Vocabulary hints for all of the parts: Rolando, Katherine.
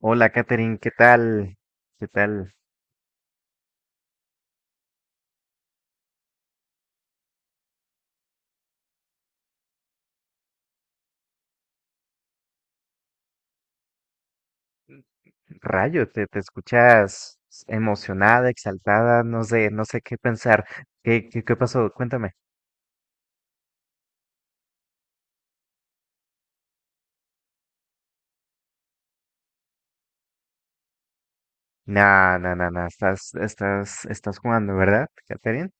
Hola, Katherine, ¿qué tal? ¿Qué tal? Rayo, te escuchas emocionada, exaltada, no sé, no sé qué pensar. ¿Qué pasó? Cuéntame. No, no, no, no, estás jugando, ¿verdad, Katherine?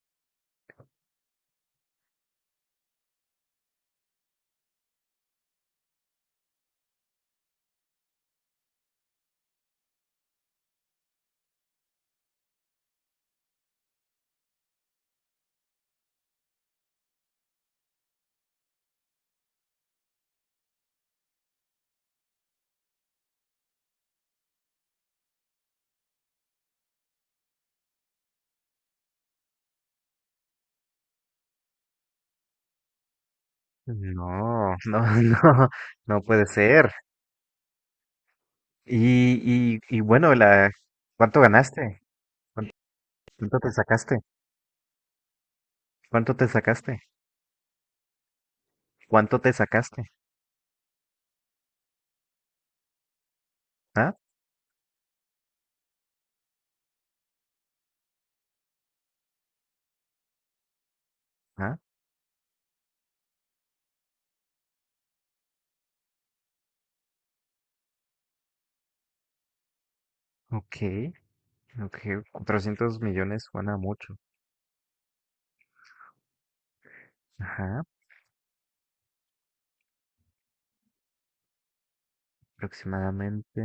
No, no, no, no puede ser. Y bueno, la, ¿cuánto ganaste? ¿Cuánto, cuánto te sacaste? ¿Cuánto te sacaste? ¿Cuánto te sacaste? ¿Ah? ¿Ah? Ok, ok, 400 millones suena mucho. Ajá. Aproximadamente.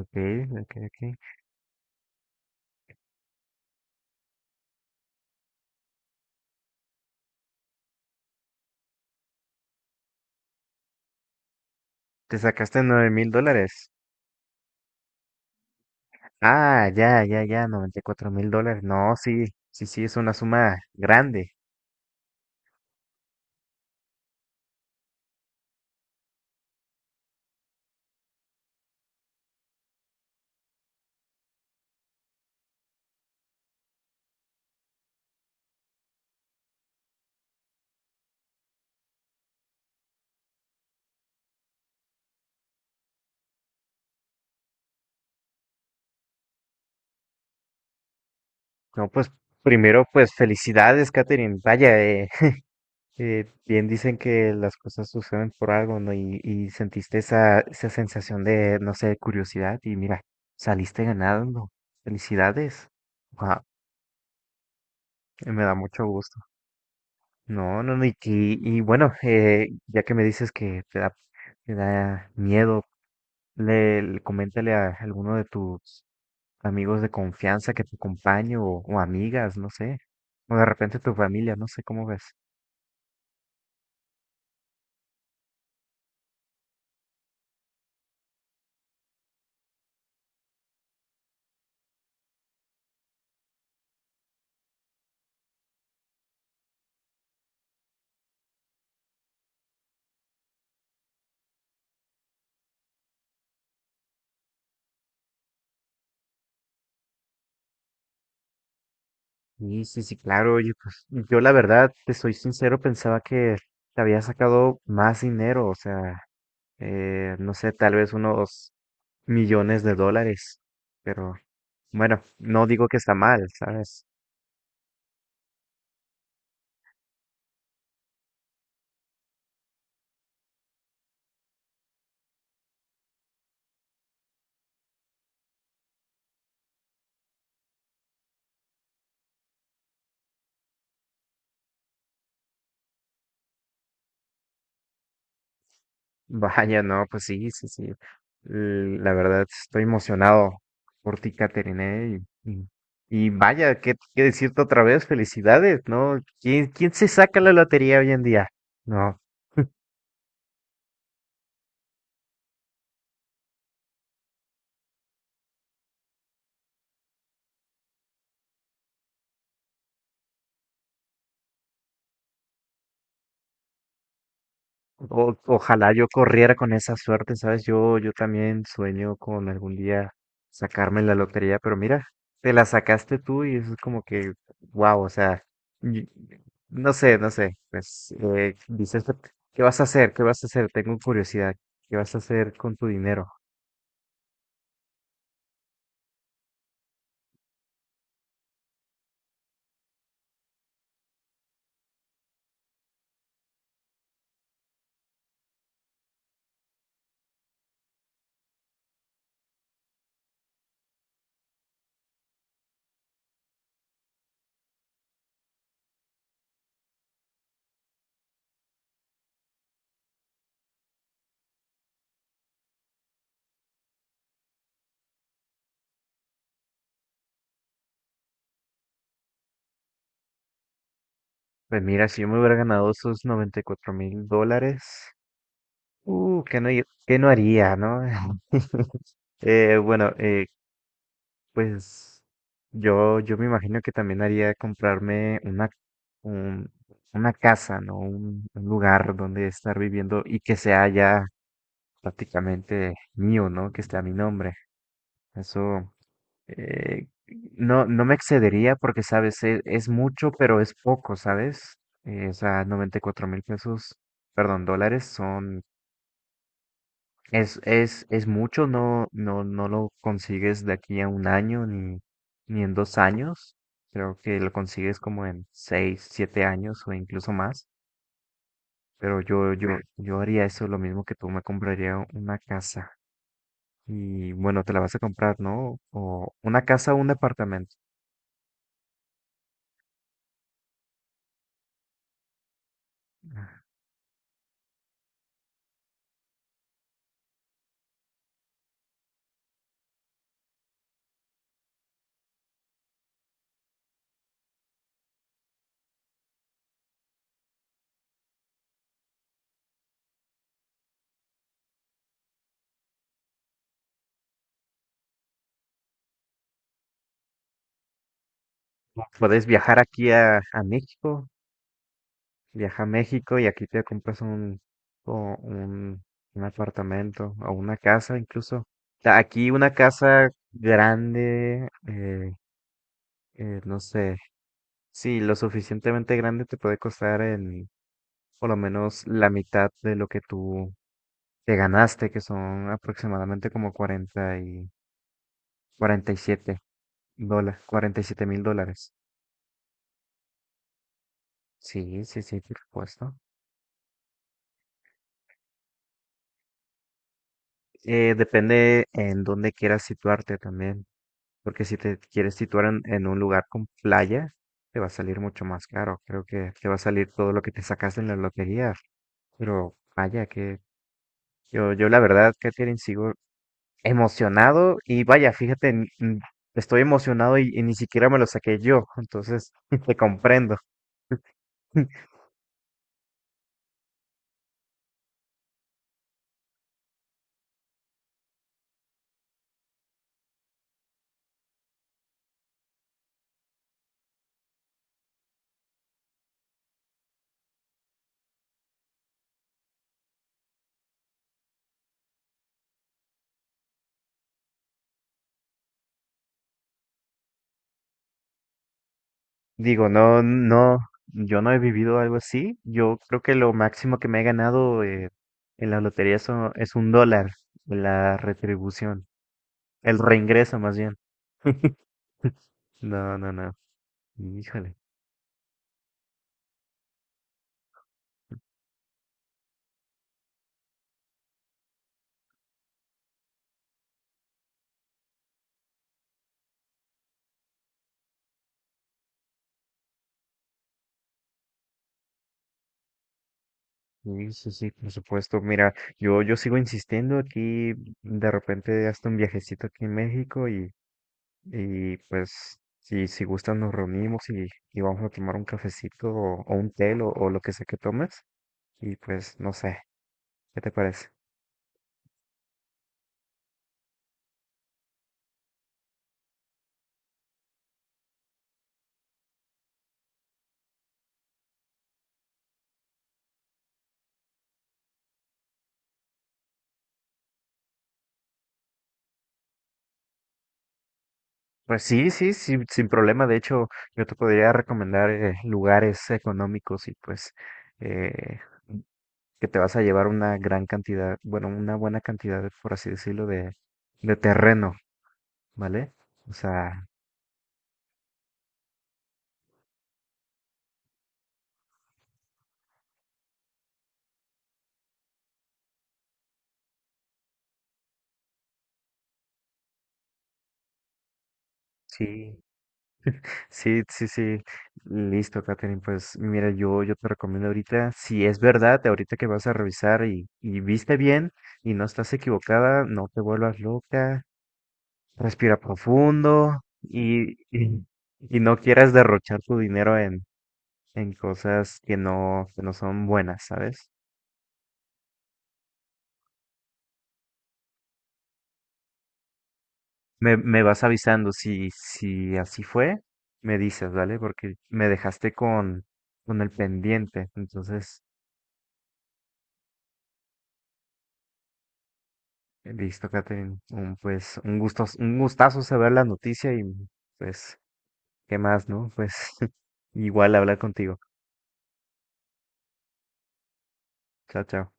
Ok, ok, ok. Te sacaste nueve mil dólares. Ah, ya, ya, ya, 94 mil dólares. No, sí, sí, sí, es una suma grande. No, pues primero, pues felicidades, Katherine. Vaya, bien dicen que las cosas suceden por algo, ¿no? Y sentiste esa, esa sensación de, no sé, curiosidad y mira, saliste ganando. Felicidades. Wow, me da mucho gusto. No, no, no, y, y bueno, ya que me dices que te da miedo, le, coméntale a alguno de tus amigos de confianza que te acompañe o amigas, no sé, o de repente tu familia, no sé cómo ves. Sí, sí, sí, claro, oye, pues yo la verdad, te soy sincero, pensaba que te había sacado más dinero, o sea, no sé, tal vez unos millones de dólares, pero bueno, no digo que está mal, ¿sabes? Vaya, no, pues sí, sí, sí. La verdad, estoy emocionado por ti, Caterine. Y, y vaya, ¿qué, qué decirte otra vez? Felicidades, ¿no? ¿Quién, quién se saca la lotería hoy en día? No. O- ojalá yo corriera con esa suerte, ¿sabes? Yo también sueño con algún día sacarme la lotería, pero mira, te la sacaste tú y eso es como que, wow, o sea, y- no sé, no sé, pues dices, ¿qué vas a hacer? ¿Qué vas a hacer? Tengo curiosidad, ¿qué vas a hacer con tu dinero? Pues mira, si yo me hubiera ganado esos 94 mil dólares, ¿qué no, qué no haría, no? Eh, bueno, eh, Pues yo me imagino que también haría comprarme una, un- una casa, ¿no? Un lugar donde estar viviendo y que sea ya prácticamente mío, ¿no? Que esté a mi nombre. Eso eh, no, no me excedería porque, sabes, es mucho, pero es poco, ¿sabes? O sea, 94 mil pesos, perdón, dólares son es mucho, no, no, no lo consigues de aquí a un año ni, ni en dos años. Creo que lo consigues como en seis, siete años o incluso más. Pero yo haría eso, lo mismo que tú me compraría una casa. Y bueno, te la vas a comprar, ¿no? O una casa o un departamento. Puedes viajar aquí a México. Viaja a México y aquí te compras un, o un, un apartamento o una casa incluso. Aquí una casa grande, no sé, sí, lo suficientemente grande te puede costar en por lo menos la mitad de lo que tú te ganaste, que son aproximadamente como 40 y 47 dólares, 47 mil dólares. Sí, sí, sí, por supuesto. Depende en dónde quieras situarte también. Porque si te quieres situar en un lugar con playa, te va a salir mucho más caro. Creo que te va a salir todo lo que te sacaste en la lotería. Pero vaya, que yo la verdad, Katherine, sigo emocionado. Y vaya, fíjate, estoy emocionado y ni siquiera me lo saqué yo. Entonces, te comprendo. Digo, no, no, yo no he vivido algo así. Yo creo que lo máximo que me he ganado en la lotería es un dólar, la retribución, el reingreso más bien. No, no, no. Híjole. Sí, sí, sí, por supuesto. Mira, yo sigo insistiendo aquí, de repente hasta un viajecito aquí en México y pues si, si gustan nos reunimos y vamos a tomar un cafecito o un té o lo que sea que tomes y pues no sé, ¿qué te parece? Pues sí, sí, sí, sin problema. De hecho, yo te podría recomendar lugares económicos y pues eh, que te vas a llevar una gran cantidad, bueno, una buena cantidad, por así decirlo, de terreno, ¿vale? O sea, sí, sí, sí, sí. Listo, Katherine. Pues mira, yo te recomiendo ahorita, si es verdad, ahorita que vas a revisar y viste bien y no estás equivocada, no te vuelvas loca. Respira profundo y no quieras derrochar tu dinero en cosas que no son buenas, ¿sabes? Me vas avisando si, si así fue, me dices, ¿vale? Porque me dejaste con el pendiente. Entonces, listo, Catherine. Un, pues un gusto, un gustazo saber la noticia y pues, ¿qué más, no? Pues igual hablar contigo. Chao, chao.